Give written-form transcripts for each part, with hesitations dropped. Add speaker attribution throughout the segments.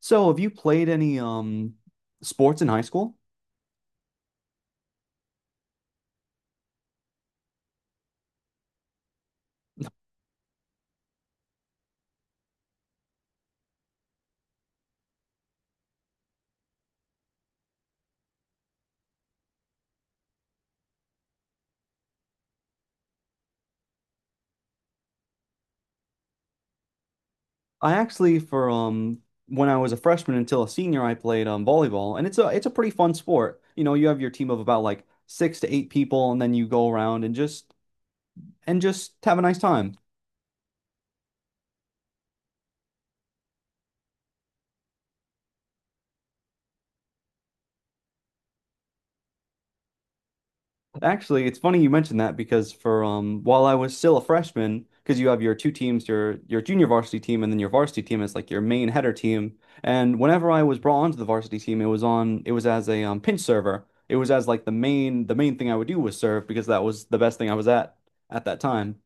Speaker 1: So, have you played any sports in high school? I actually for When I was a freshman until a senior, I played volleyball, and it's a pretty fun sport. You have your team of about like six to eight people, and then you go around and just have a nice time. Actually, it's funny you mentioned that because for while I was still a freshman, because you have your two teams, your junior varsity team, and then your varsity team is like your main header team. And whenever I was brought onto the varsity team, it was as a pinch server. It was as like the main thing I would do was serve, because that was the best thing I was at that time.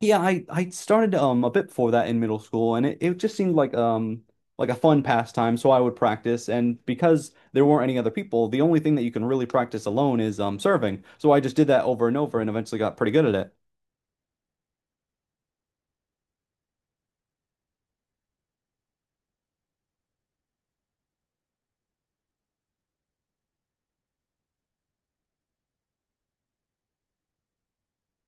Speaker 1: Yeah, I started a bit before that in middle school, and it just seemed like like a fun pastime. So I would practice, and because there weren't any other people, the only thing that you can really practice alone is serving. So I just did that over and over, and eventually got pretty good at it.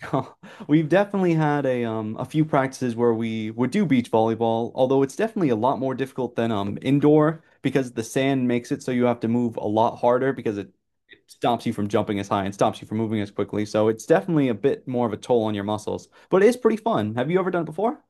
Speaker 1: We've definitely had a few practices where we would do beach volleyball, although it's definitely a lot more difficult than indoor, because the sand makes it so you have to move a lot harder, because it stops you from jumping as high and stops you from moving as quickly. So it's definitely a bit more of a toll on your muscles, but it is pretty fun. Have you ever done it before?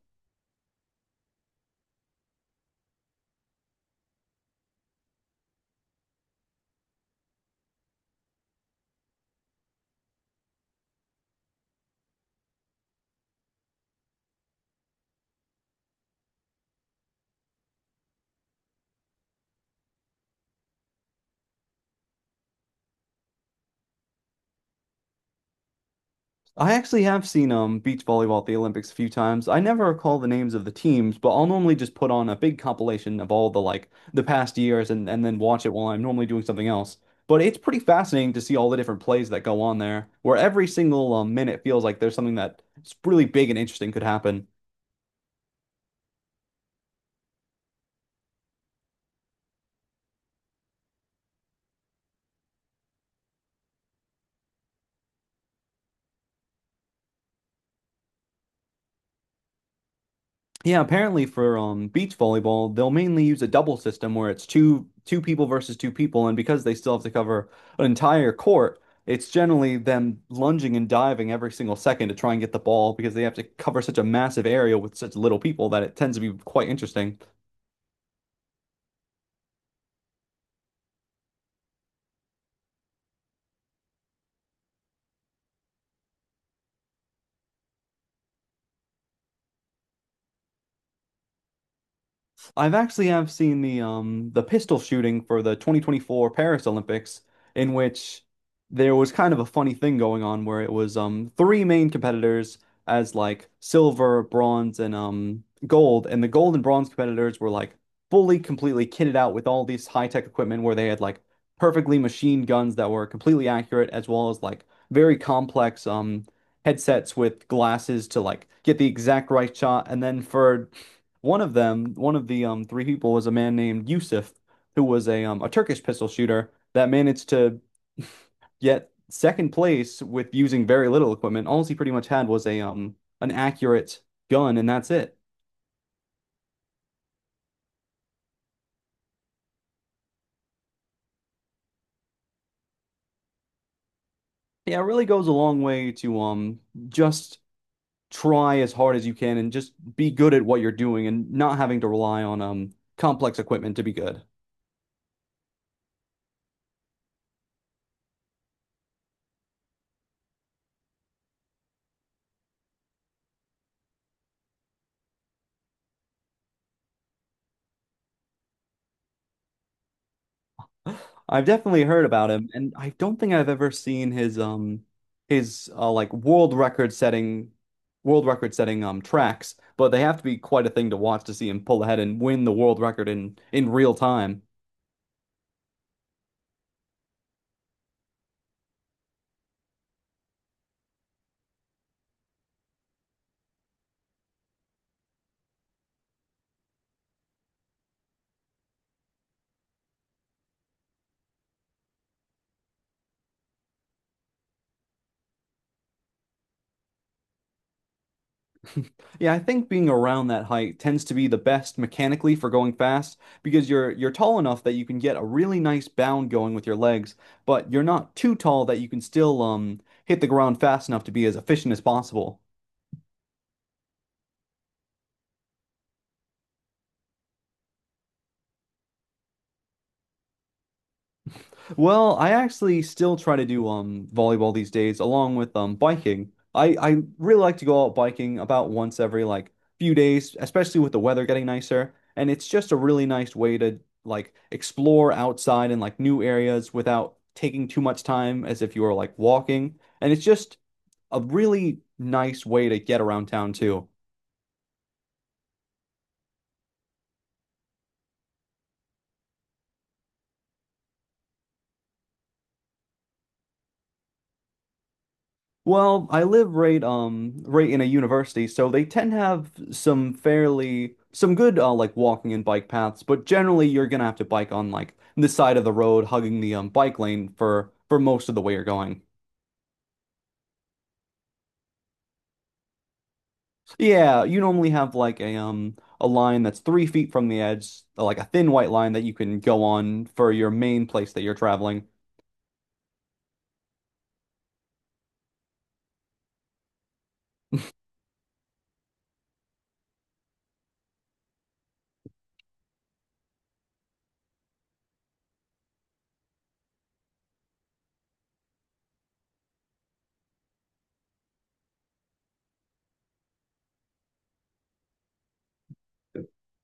Speaker 1: I actually have seen beach volleyball at the Olympics a few times. I never recall the names of the teams, but I'll normally just put on a big compilation of all the like the past years, and then watch it while I'm normally doing something else. But it's pretty fascinating to see all the different plays that go on there, where every single minute feels like there's something that's really big and interesting could happen. Yeah, apparently for beach volleyball, they'll mainly use a double system where it's two people versus two people, and because they still have to cover an entire court, it's generally them lunging and diving every single second to try and get the ball, because they have to cover such a massive area with such little people that it tends to be quite interesting. I've actually have seen the pistol shooting for the 2024 Paris Olympics, in which there was kind of a funny thing going on where it was three main competitors as like silver, bronze, and gold, and the gold and bronze competitors were like fully completely kitted out with all these high-tech equipment, where they had like perfectly machined guns that were completely accurate, as well as like very complex headsets with glasses to like get the exact right shot. And then for one of them, one of the three people was a man named Yusuf, who was a Turkish pistol shooter that managed to get second place with using very little equipment. All he pretty much had was a an accurate gun, and that's it. Yeah, it really goes a long way to just try as hard as you can and just be good at what you're doing and not having to rely on complex equipment to be good. I've definitely heard about him, and I don't think I've ever seen his like world record setting tracks, but they have to be quite a thing to watch, to see him pull ahead and win the world record in real time. Yeah, I think being around that height tends to be the best mechanically for going fast, because you're tall enough that you can get a really nice bound going with your legs, but you're not too tall that you can still hit the ground fast enough to be as efficient as possible. Well, I actually still try to do volleyball these days, along with biking. I really like to go out biking about once every like few days, especially with the weather getting nicer, and it's just a really nice way to like explore outside and like new areas without taking too much time as if you were like walking. And it's just a really nice way to get around town too. Well, I live right right in a university, so they tend to have some good like walking and bike paths, but generally you're gonna have to bike on like the side of the road, hugging the bike lane for most of the way you're going. Yeah, you normally have like a line that's 3 feet from the edge, like a thin white line that you can go on for your main place that you're traveling.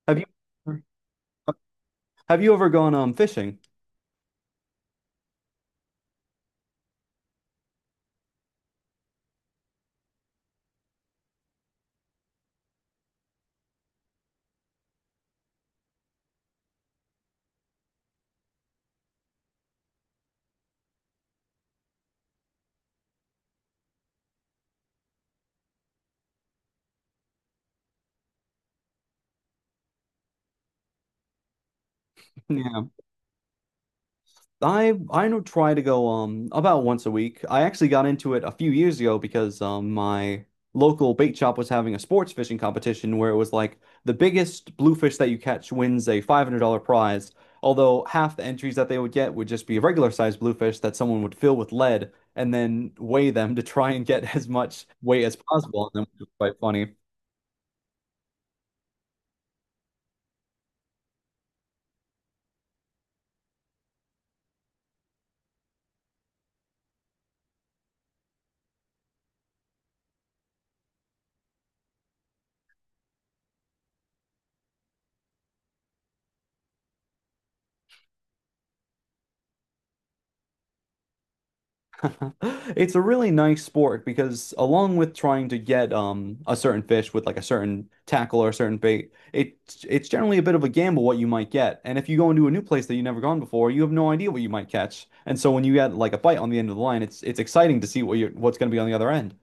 Speaker 1: Have you have you ever gone fishing? I don't try to go about once a week. I actually got into it a few years ago, because my local bait shop was having a sports fishing competition where it was like the biggest bluefish that you catch wins a $500 prize. Although half the entries that they would get would just be a regular sized bluefish that someone would fill with lead and then weigh them to try and get as much weight as possible on them, which was quite funny. It's a really nice sport, because along with trying to get a certain fish with like a certain tackle or a certain bait, it's generally a bit of a gamble what you might get. And if you go into a new place that you've never gone before, you have no idea what you might catch. And so when you get like a bite on the end of the line, it's exciting to see what's going to be on the other end.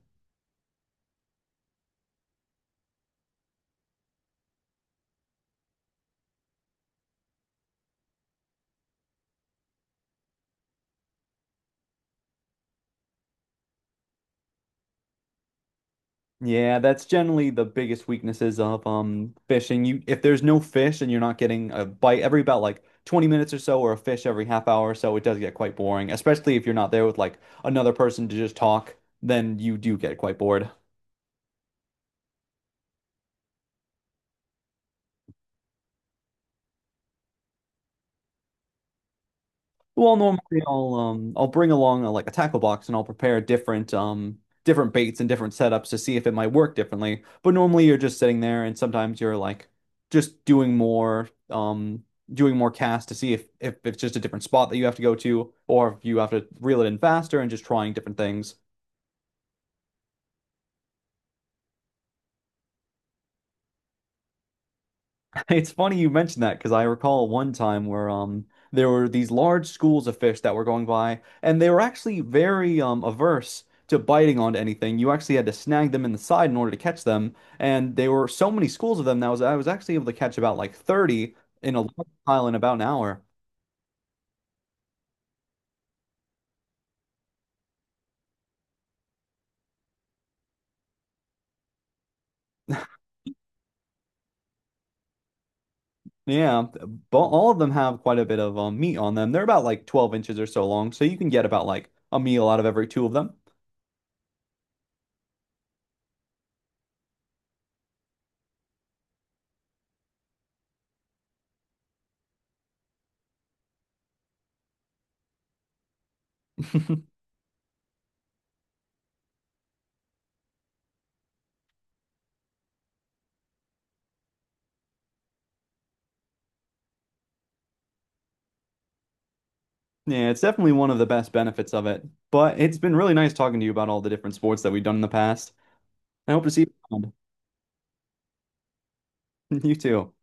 Speaker 1: Yeah, that's generally the biggest weaknesses of fishing. You if there's no fish and you're not getting a bite every about like 20 minutes or so, or a fish every half hour or so, it does get quite boring, especially if you're not there with like another person to just talk, then you do get quite bored. Well, normally I'll bring along like a tackle box, and I'll prepare different baits and different setups to see if it might work differently. But normally you're just sitting there, and sometimes you're like just doing more casts to see if it's just a different spot that you have to go to, or if you have to reel it in faster, and just trying different things. It's funny you mentioned that, because I recall one time where there were these large schools of fish that were going by, and they were actually very averse to biting onto anything. You actually had to snag them in the side in order to catch them, and there were so many schools of them that was I was actually able to catch about like 30 in a large pile in about an hour. Yeah, but all of them have quite a bit of meat on them. They're about like 12 inches or so long, so you can get about like a meal out of every two of them. Yeah, it's definitely one of the best benefits of it. But it's been really nice talking to you about all the different sports that we've done in the past. I hope to see you around. You too.